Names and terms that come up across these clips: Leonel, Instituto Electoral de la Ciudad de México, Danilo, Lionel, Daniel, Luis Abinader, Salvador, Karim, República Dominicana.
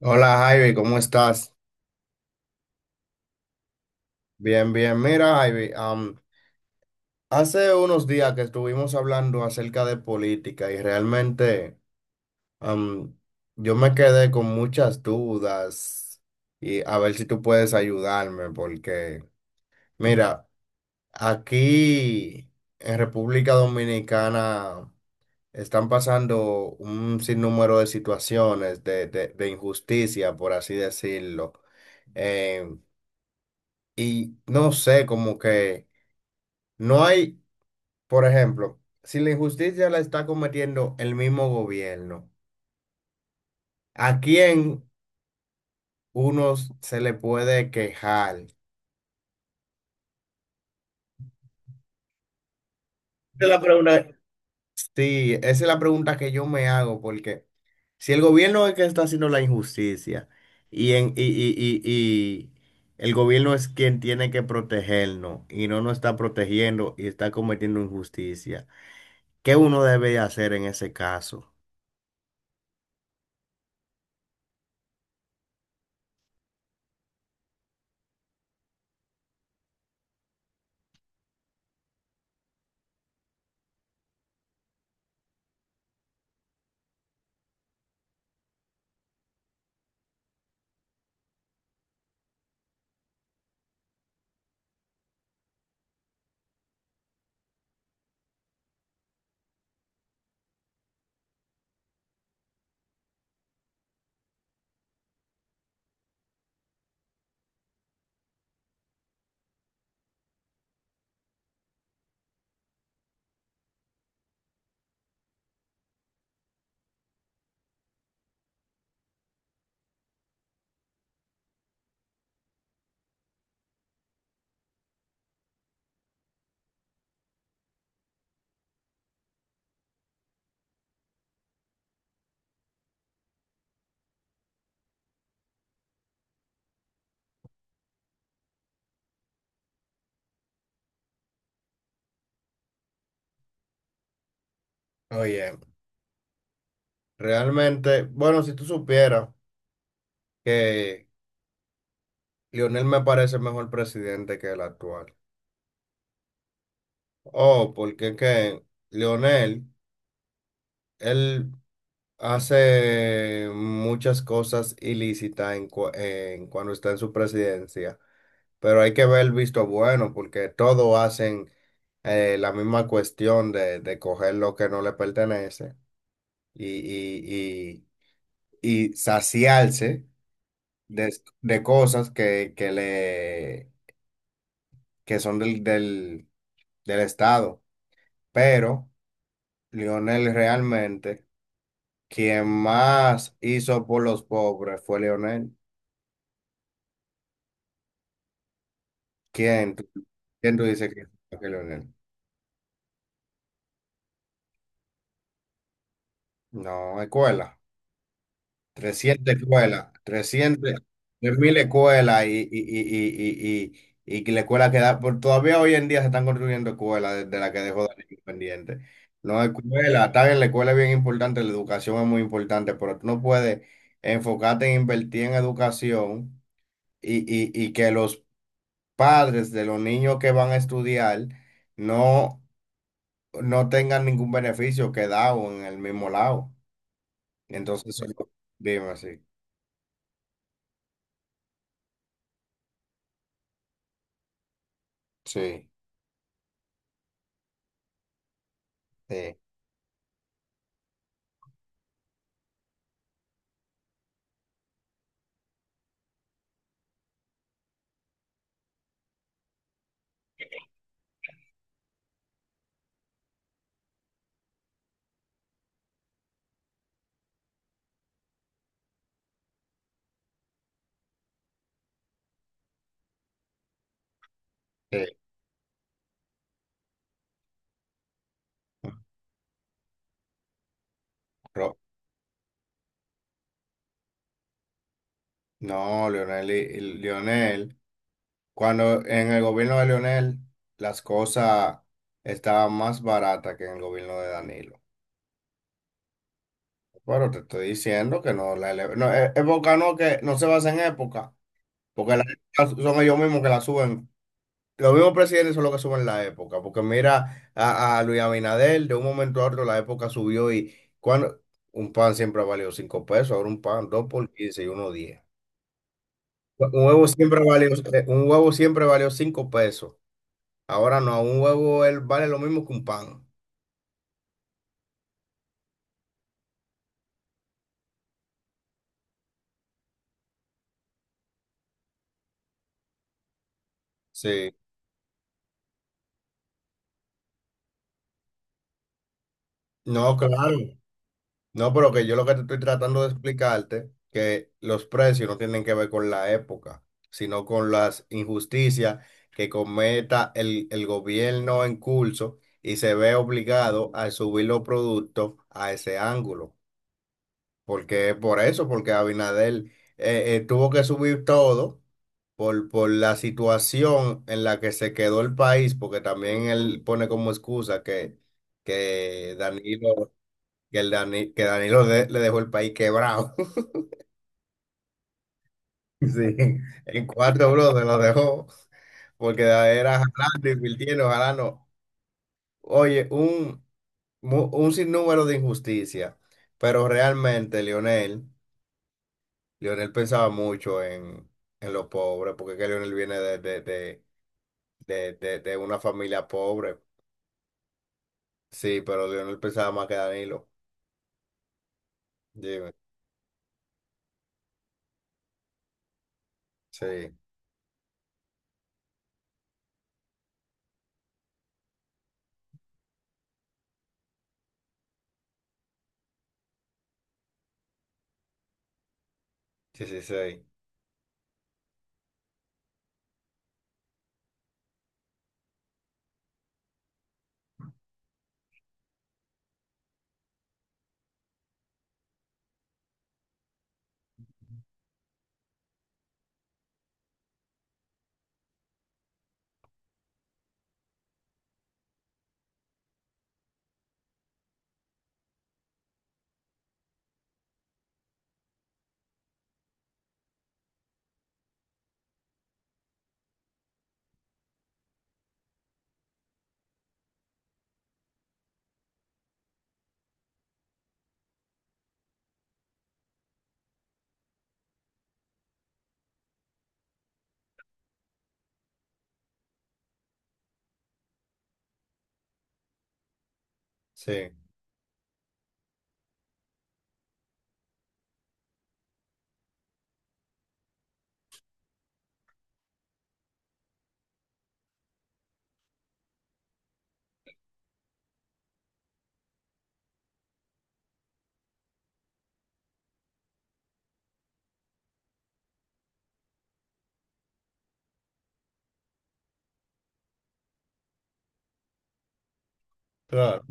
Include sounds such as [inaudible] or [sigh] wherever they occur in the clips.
Hola Javi, ¿cómo estás? Bien, bien. Mira, Javi, hace unos días que estuvimos hablando acerca de política y realmente am, yo me quedé con muchas dudas, y a ver si tú puedes ayudarme porque, mira, aquí en República Dominicana están pasando un sinnúmero de situaciones de injusticia, por así decirlo. Em, y no sé, como que no hay, por ejemplo, si la injusticia la está cometiendo el mismo gobierno, ¿a quién uno se le puede quejar? Esa la pregunta. Sí, esa es la pregunta que yo me hago, porque si el gobierno es el que está haciendo la injusticia y, en, y, y el gobierno es quien tiene que protegernos y no nos está protegiendo y está cometiendo injusticia, ¿qué uno debe hacer en ese caso? Oye, realmente, bueno, si tú supieras. Que Lionel me parece mejor presidente que el actual. Oh, porque es que Lionel, él hace muchas cosas ilícitas en, cu- en cuando está en su presidencia, pero hay que ver el visto bueno, porque todos hacen la misma cuestión de coger lo que no le pertenece y, y, y saciarse de, de cosas que, que son del Estado. Pero Lionel realmente, quien más hizo por los pobres fue Lionel. ¿Quién? ¿Quién tú dices que hizo más que Lionel? No, escuela. trescientas escuelas, trescientas, 3.000 escuelas, y que la escuela queda, todavía hoy en día se están construyendo escuelas desde la que dejó Daniel pendiente. No, escuela, está bien, la escuela es bien importante, la educación es muy importante, pero tú no puedes enfocarte en invertir en educación y que los padres de los niños que van a estudiar no, no tengan ningún beneficio quedado en el mismo lado. Entonces, dime así. Sí, sí, sí. Ro- No, Leonel, y Leonel, cuando en el gobierno de Leonel las cosas estaban más baratas que en el gobierno de Danilo. Pero te estoy diciendo que no, no, época no, que no se basa en época, porque las son ellos mismos que la suben. Los mismos presidentes son los que suben la época, porque mira a Luis Abinader, de un momento a otro la época subió, y cuando un pan siempre ha valido 5 pesos, ahora un pan dos por 15 y uno 10. Un huevo siempre valió 5 pesos. Ahora no, un huevo él vale lo mismo que un pan. Sí. No, claro. No, pero que yo lo que te estoy tratando de explicarte, que los precios no tienen que ver con la época, sino con las injusticias que cometa el gobierno en curso y se ve obligado a subir los productos a ese ángulo. Porque es por eso, porque Abinader tuvo que subir todo por la situación en la que se quedó el país, porque también él pone como excusa que Danilo que, el Dani- que Danilo le dejó el país quebrado. [laughs] Sí, en cuatro bloques lo dejó, porque era jalando, invirtiendo, jalando. Oye, un sinnúmero de injusticia. Pero realmente Lionel, Lionel pensaba mucho en los pobres, porque es que Lionel viene de una familia pobre. Sí, pero Lionel pensaba más que Danilo. Dime. Sí, sí, sí, sí. Sí, claro.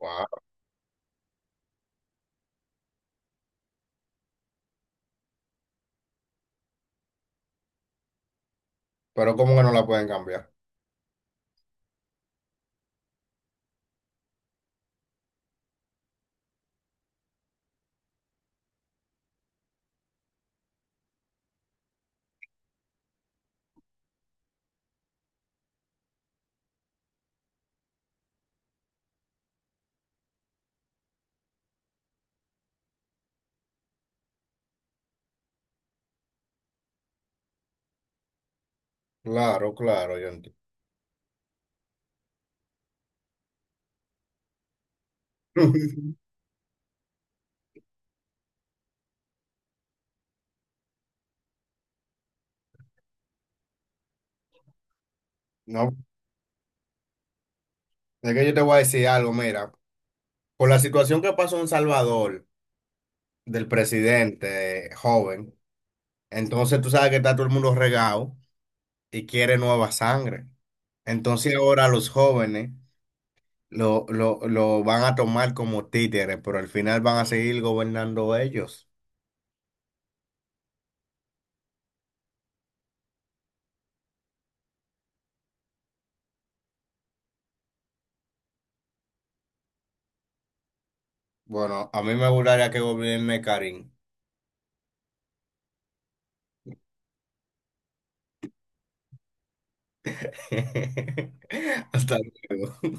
Wow. Pero ¿cómo que no la pueden cambiar? Claro, claro, yo entiendo. [laughs] No, es que yo te voy a decir algo, mira, por la situación que pasó en Salvador del presidente joven, entonces tú sabes que está todo el mundo regado y quiere nueva sangre. Entonces ahora los jóvenes lo van a tomar como títeres, pero al final van a seguir gobernando ellos. Bueno, a mí me gustaría que gobierne Karim. [laughs] Hasta luego.